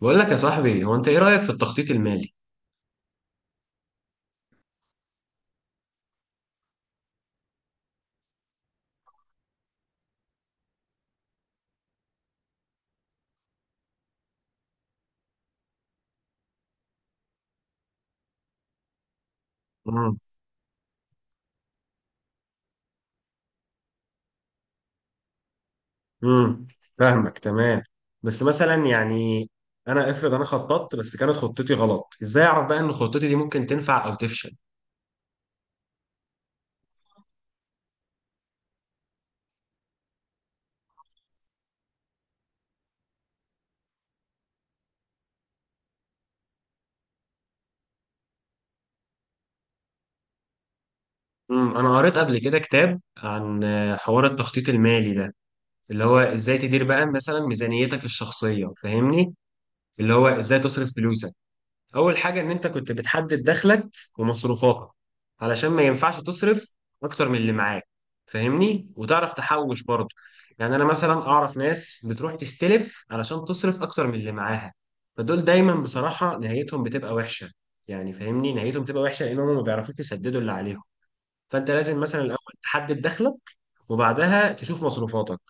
بقول لك يا صاحبي، هو انت ايه رأيك في التخطيط المالي؟ امم. امم. فاهمك تمام. بس مثلا يعني، انا افرض انا خططت بس كانت خطتي غلط. ازاي اعرف بقى ان خطتي دي ممكن تنفع او تفشل؟ انا قريت قبل كده كتاب عن حوار التخطيط المالي ده، اللي هو ازاي تدير بقى مثلا ميزانيتك الشخصية، فاهمني؟ اللي هو ازاي تصرف فلوسك. اول حاجه ان انت كنت بتحدد دخلك ومصروفاتك، علشان ما ينفعش تصرف اكتر من اللي معاك، فاهمني، وتعرف تحوش برضه. يعني انا مثلا اعرف ناس بتروح تستلف علشان تصرف اكتر من اللي معاها، فدول دايما بصراحه نهايتهم بتبقى وحشه. يعني فاهمني، نهايتهم بتبقى وحشه لانهم ما بيعرفوش يسددوا اللي عليهم. فانت لازم مثلا الاول تحدد دخلك وبعدها تشوف مصروفاتك.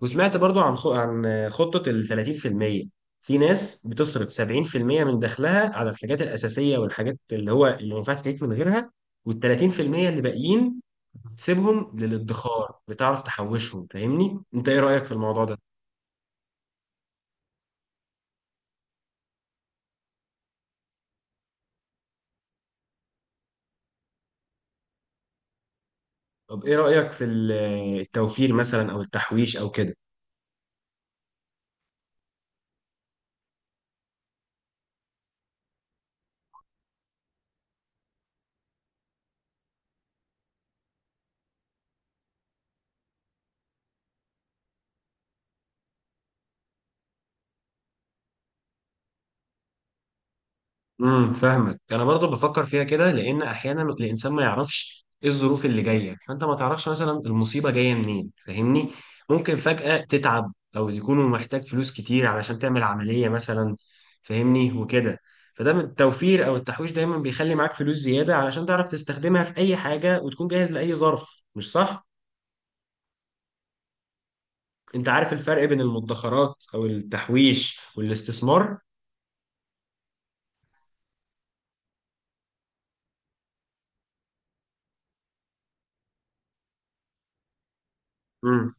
وسمعت برضو عن عن خطة ال 30% في المية. في ناس بتصرف 70% من دخلها على الحاجات الأساسية والحاجات اللي هو اللي ما ينفعش تعيش من غيرها، وال 30% اللي باقيين تسيبهم للادخار، بتعرف تحوشهم، فاهمني؟ انت ايه رأيك في الموضوع ده؟ طب ايه رأيك في التوفير مثلا او التحويش او كده؟ فاهمك. انا برضو بفكر فيها كده، لان احيانا الانسان ما يعرفش ايه الظروف اللي جايه، فانت ما تعرفش مثلا المصيبه جايه منين، فاهمني. ممكن فجاه تتعب او يكون محتاج فلوس كتير علشان تعمل عمليه مثلا، فاهمني وكده. فده من التوفير او التحويش دايما بيخلي معاك فلوس زياده، علشان تعرف تستخدمها في اي حاجه وتكون جاهز لاي ظرف، مش صح؟ انت عارف الفرق بين المدخرات او التحويش والاستثمار؟ امم.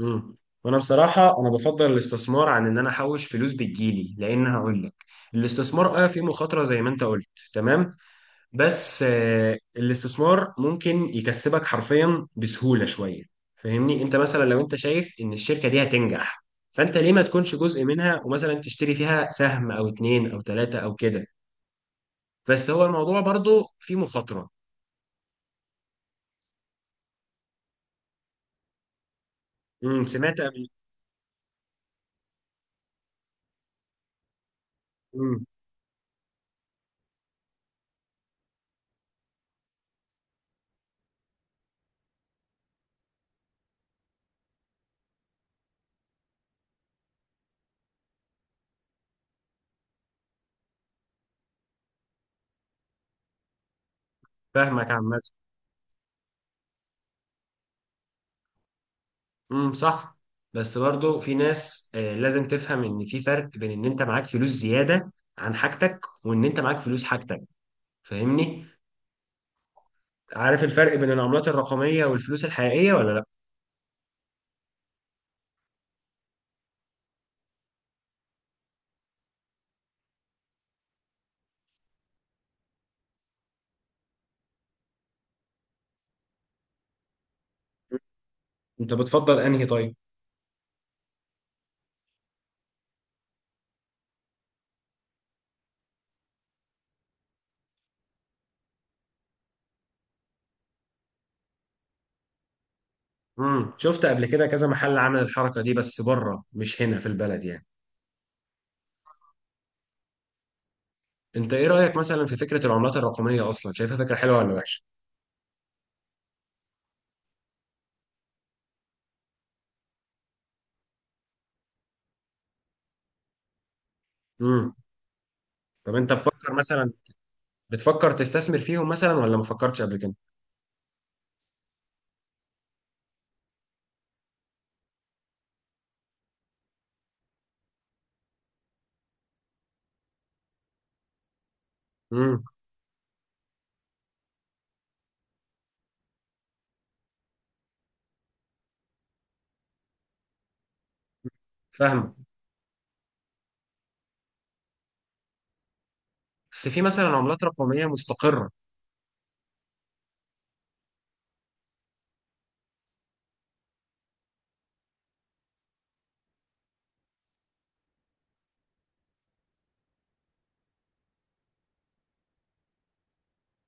امم وانا بصراحه انا بفضل الاستثمار عن ان انا احوش فلوس بتجيلي، لان هقول لك، الاستثمار فيه مخاطره زي ما انت قلت، تمام. بس الاستثمار ممكن يكسبك حرفيا بسهوله شويه، فاهمني؟ انت مثلا لو انت شايف ان الشركه دي هتنجح، فانت ليه ما تكونش جزء منها، ومثلا تشتري فيها سهم او اتنين او تلاته او كده. بس هو الموضوع برضو فيه مخاطره. سمعت قبل؟ امم فاهمك عامه. امم، صح. بس برضو في ناس لازم تفهم ان في فرق بين ان انت معاك فلوس زياده عن حاجتك، وان انت معاك فلوس حاجتك، فاهمني. عارف الفرق بين العملات الرقميه والفلوس الحقيقيه ولا لا؟ انت بتفضل انهي طيب؟ شفت قبل كده كذا محل عمل الحركه دي، بس بره مش هنا في البلد يعني. انت ايه رايك مثلا في فكره العملات الرقميه اصلا، شايفها فكره حلوه ولا وحشه؟ امم طب انت بتفكر تستثمر فيهم مثلا ولا ما فكرتش قبل كده؟ امم فاهم. بس في مثلا عملات رقميه مستقره؟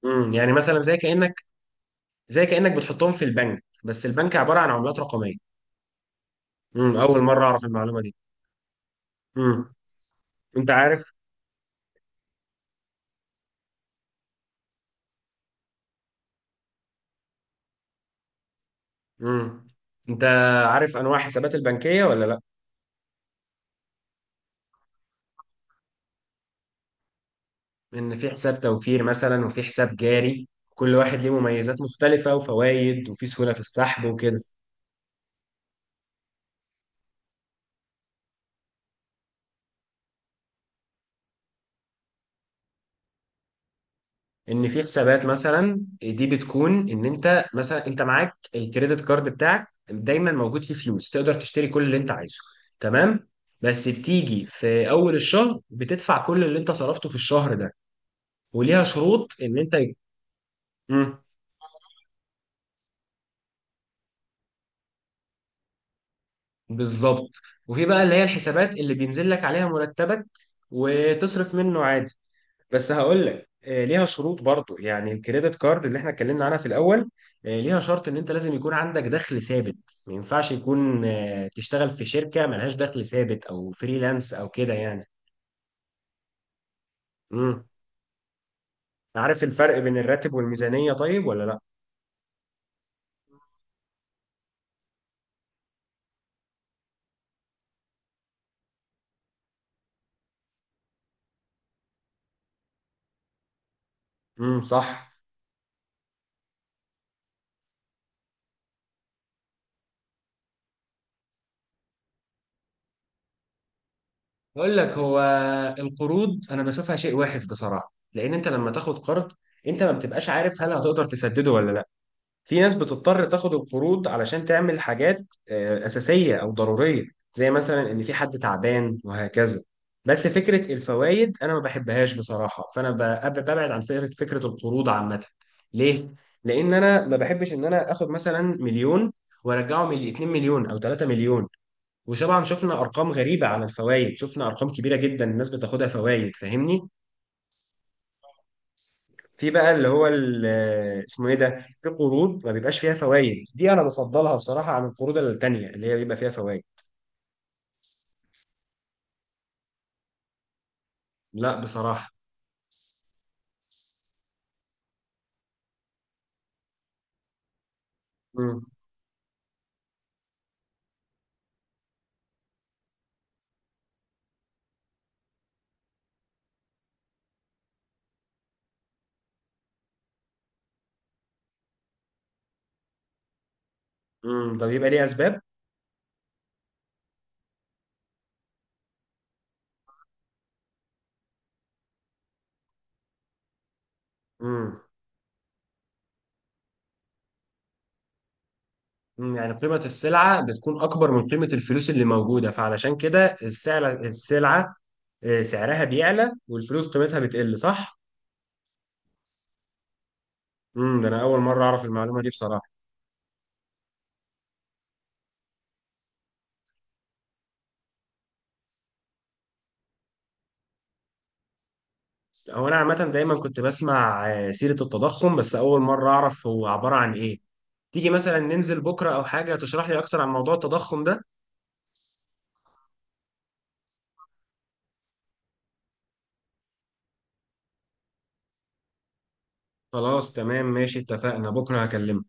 يعني مثلا زي كأنك بتحطهم في البنك، بس البنك عبارة عن عملات رقمية. أول مرة أعرف المعلومة دي. امم أنت عارف امم أنت عارف أنواع حسابات البنكية ولا لأ؟ إن في حساب توفير مثلا وفي حساب جاري، كل واحد ليه مميزات مختلفة وفوائد وفي سهولة في السحب وكده. ان في حسابات مثلا دي بتكون ان انت معاك الكريدت كارد بتاعك دايما موجود فيه فلوس، تقدر تشتري كل اللي انت عايزه، تمام. بس بتيجي في اول الشهر بتدفع كل اللي انت صرفته في الشهر ده، وليها شروط ان انت. مم. بالظبط. وفي بقى اللي هي الحسابات اللي بينزل لك عليها مرتبك، وتصرف منه عادي. بس هقول لك، ليها شروط برضو. يعني الكريدت كارد اللي احنا اتكلمنا عنها في الاول، ليها شرط ان انت لازم يكون عندك دخل ثابت. ما ينفعش يكون تشتغل في شركة ملهاش دخل ثابت او فريلانس او كده يعني. امم. عارف الفرق بين الراتب والميزانية طيب ولا لا؟ امم، صح. اقول لك هو، القروض انا بشوفها شيء واحد بصراحة، لان انت لما تاخد قرض انت ما بتبقاش عارف هل هتقدر تسدده ولا لا. في ناس بتضطر تاخد القروض علشان تعمل حاجات أساسية أو ضرورية، زي مثلا إن في حد تعبان وهكذا. بس فكرة الفوائد أنا ما بحبهاش بصراحة، فأنا ببعد عن فكرة القروض عامة. ليه؟ لأن أنا ما بحبش إن أنا آخد مثلا مليون وأرجعه من 2 مليون أو 3 مليون. وطبعا شفنا أرقام غريبة على الفوائد، شفنا أرقام كبيرة جدا الناس بتاخدها فوائد، فاهمني؟ في بقى اللي هو اسمه ايه ده، في قروض ما بيبقاش فيها فوائد، دي انا بفضلها بصراحه عن القروض التانيه اللي هي بيبقى فيها فوائد. لا، بصراحه. امم. ده بيبقى ليه اسباب. امم. يعني قيمه السلعه بتكون اكبر من قيمه الفلوس اللي موجوده، فعلشان كده السلعه سعرها بيعلى والفلوس قيمتها بتقل، صح. ده انا اول مره اعرف المعلومه دي بصراحه. هو انا عامه دايما كنت بسمع سيره التضخم، بس اول مره اعرف هو عباره عن ايه. تيجي مثلا ننزل بكرة أو حاجة تشرح لي أكتر عن موضوع التضخم ده؟ خلاص تمام، ماشي، اتفقنا بكرة هكلمك.